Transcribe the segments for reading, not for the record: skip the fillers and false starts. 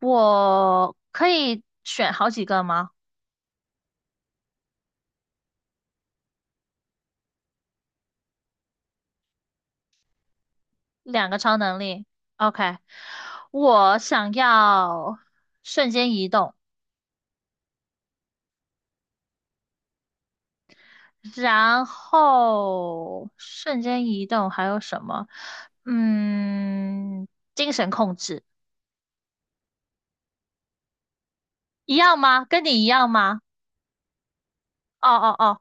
我可以选好几个吗？两个超能力，OK。我想要瞬间移动，然后瞬间移动还有什么？嗯，精神控制一样吗？跟你一样吗？哦哦哦，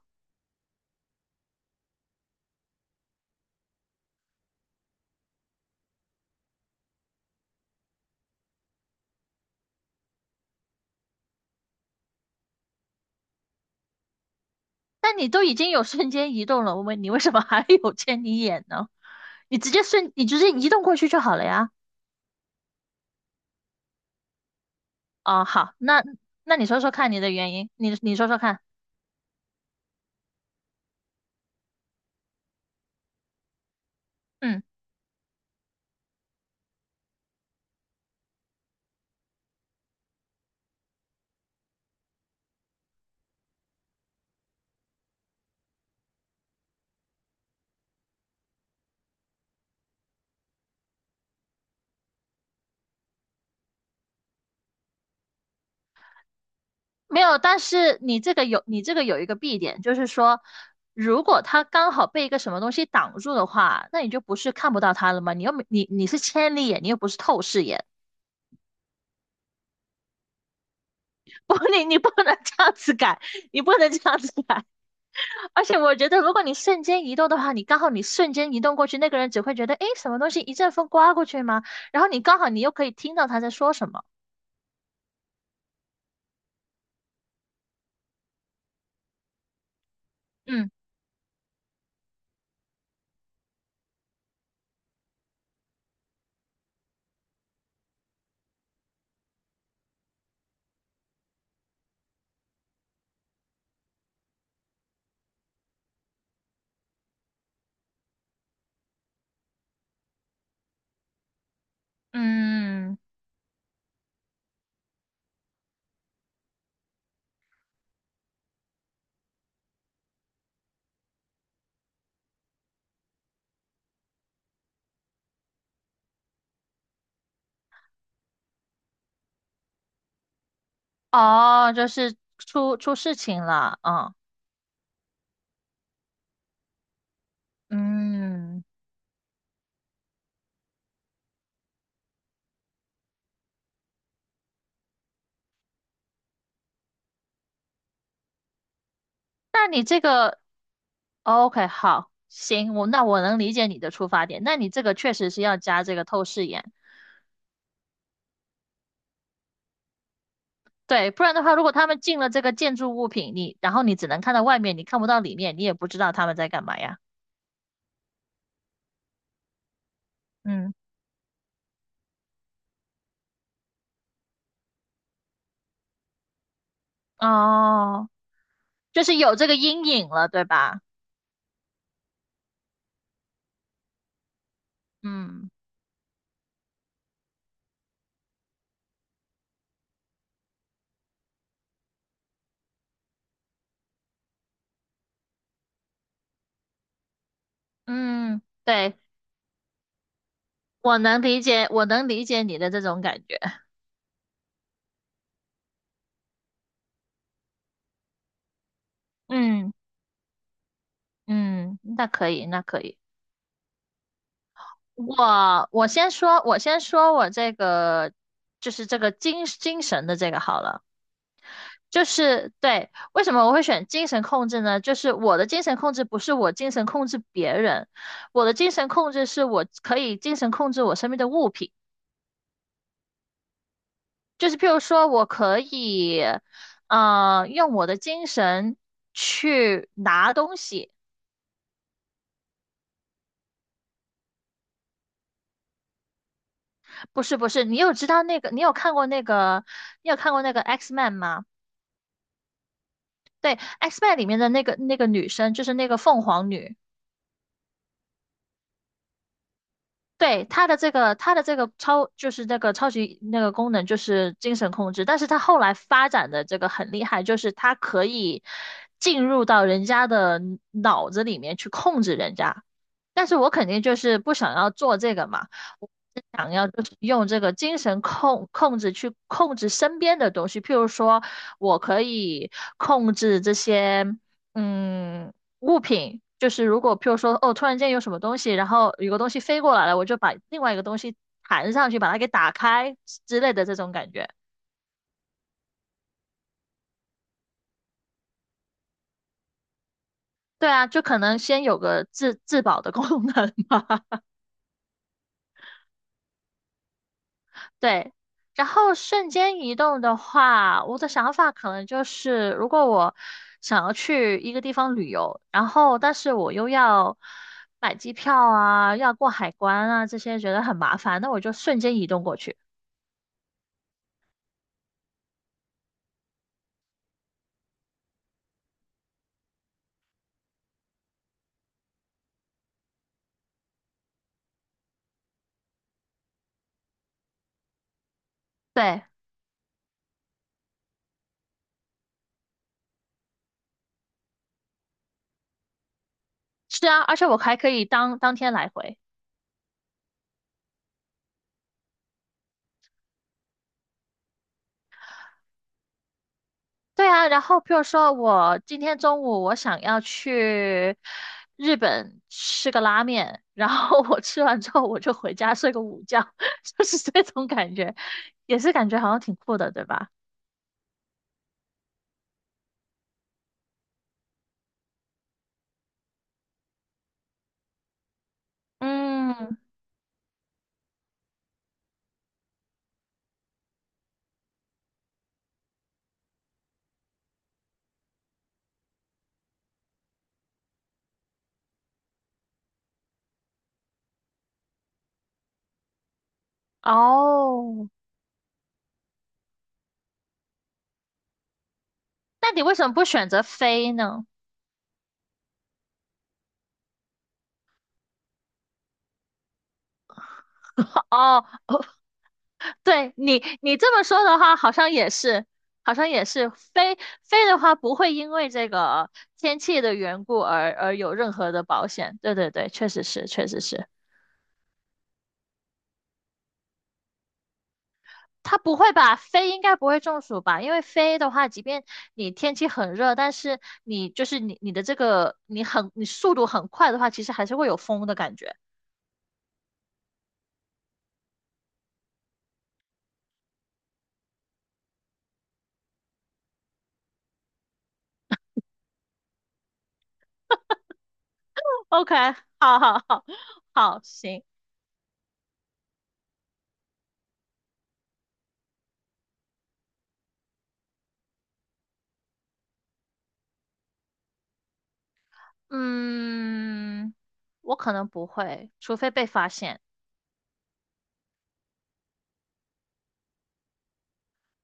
那你都已经有瞬间移动了，我问你为什么还有千里眼呢？你直接移动过去就好了呀。哦，好，那你说说看你的原因，你说说看。嗯，没有，但是你这个有一个弊点，就是说，如果他刚好被一个什么东西挡住的话，那你就不是看不到他了吗？你又没你你是千里眼，你又不是透视眼，不，你不能这样子改，你不能这样子改。而且我觉得，如果你瞬间移动的话，你刚好你瞬间移动过去，那个人只会觉得，诶，什么东西一阵风刮过去吗？然后你刚好你又可以听到他在说什么。嗯嗯，哦，就是出事情了，嗯嗯。那你这个哦，OK,好，行，我能理解你的出发点。那你这个确实是要加这个透视眼，对，不然的话，如果他们进了这个建筑物品，你然后你只能看到外面，你看不到里面，你也不知道他们在干嘛呀。嗯，哦，就是有这个阴影了，对吧？嗯嗯，对，我能理解，我能理解你的这种感觉。嗯嗯，那可以，那可以。我先说，我先说我这个就是这个精神的这个好了，就是对，为什么我会选精神控制呢？就是我的精神控制不是我精神控制别人，我的精神控制是我可以精神控制我身边的物品，就是譬如说我可以，用我的精神去拿东西，不是不是，你有知道那个，你有看过那个，你有看过那个 X Man 吗？对，X Men 里面的那个女生，就是那个凤凰女，对，她的这个超就是那个超级那个功能就是精神控制，但是她后来发展的这个很厉害，就是她可以进入到人家的脑子里面去控制人家。但是我肯定就是不想要做这个嘛，我是想要就是用这个精神控制去控制身边的东西，譬如说，我可以控制这些嗯物品，就是如果譬如说突然间有什么东西，然后有个东西飞过来了，我就把另外一个东西弹上去，把它给打开之类的这种感觉。对啊，就可能先有个自保的功能吧。对，然后瞬间移动的话，我的想法可能就是，如果我想要去一个地方旅游，然后但是我又要买机票啊，要过海关啊，这些觉得很麻烦，那我就瞬间移动过去。对，是啊，而且我还可以当天来回。对啊，然后譬如说我今天中午我想要去日本吃个拉面，然后我吃完之后我就回家睡个午觉，就是这种感觉，也是感觉好像挺酷的，对吧？嗯，哦，那你为什么不选择飞呢？哦，哦，你这么说的话，好像也是，好像也是飞的话，不会因为这个天气的缘故而有任何的保险。对对对，确实是，确实是。它不会吧？飞应该不会中暑吧？因为飞的话，即便你天气很热，但是你的这个你速度很快的话，其实还是会有风的感觉。OK,好好好好，行，嗯，我可能不会，除非被发现。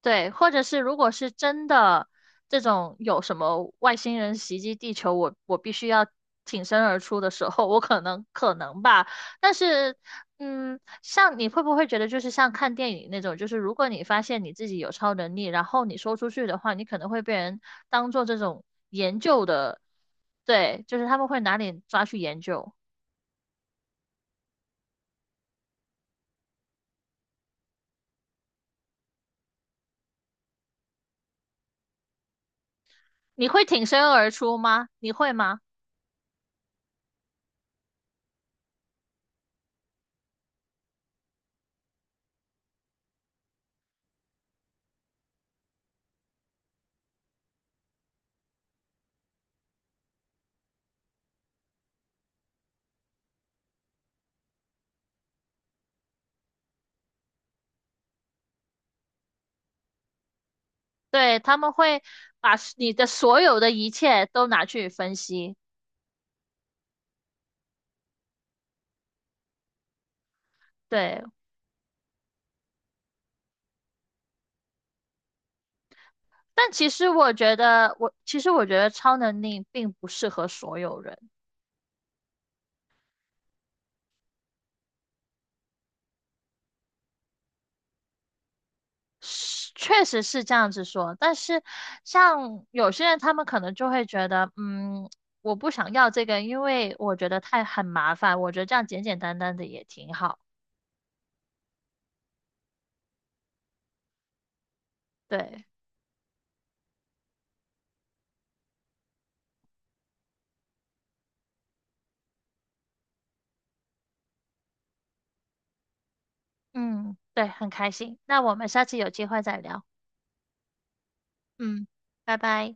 对，或者是如果是真的这种有什么外星人袭击地球，我必须要挺身而出的时候，我可能可能吧。但是，嗯，像你会不会觉得就是像看电影那种，就是如果你发现你自己有超能力，然后你说出去的话，你可能会被人当做这种研究的，对，就是他们会拿你抓去研究。你会挺身而出吗？你会吗？对，他们会把你的所有的一切都拿去分析。对，但其实我觉得，其实我觉得超能力并不适合所有人，是确实是这样子说。但是像有些人，他们可能就会觉得，嗯，我不想要这个，因为我觉得太很麻烦。我觉得这样简简单单的也挺好。对，嗯，对，很开心。那我们下次有机会再聊。嗯，拜拜。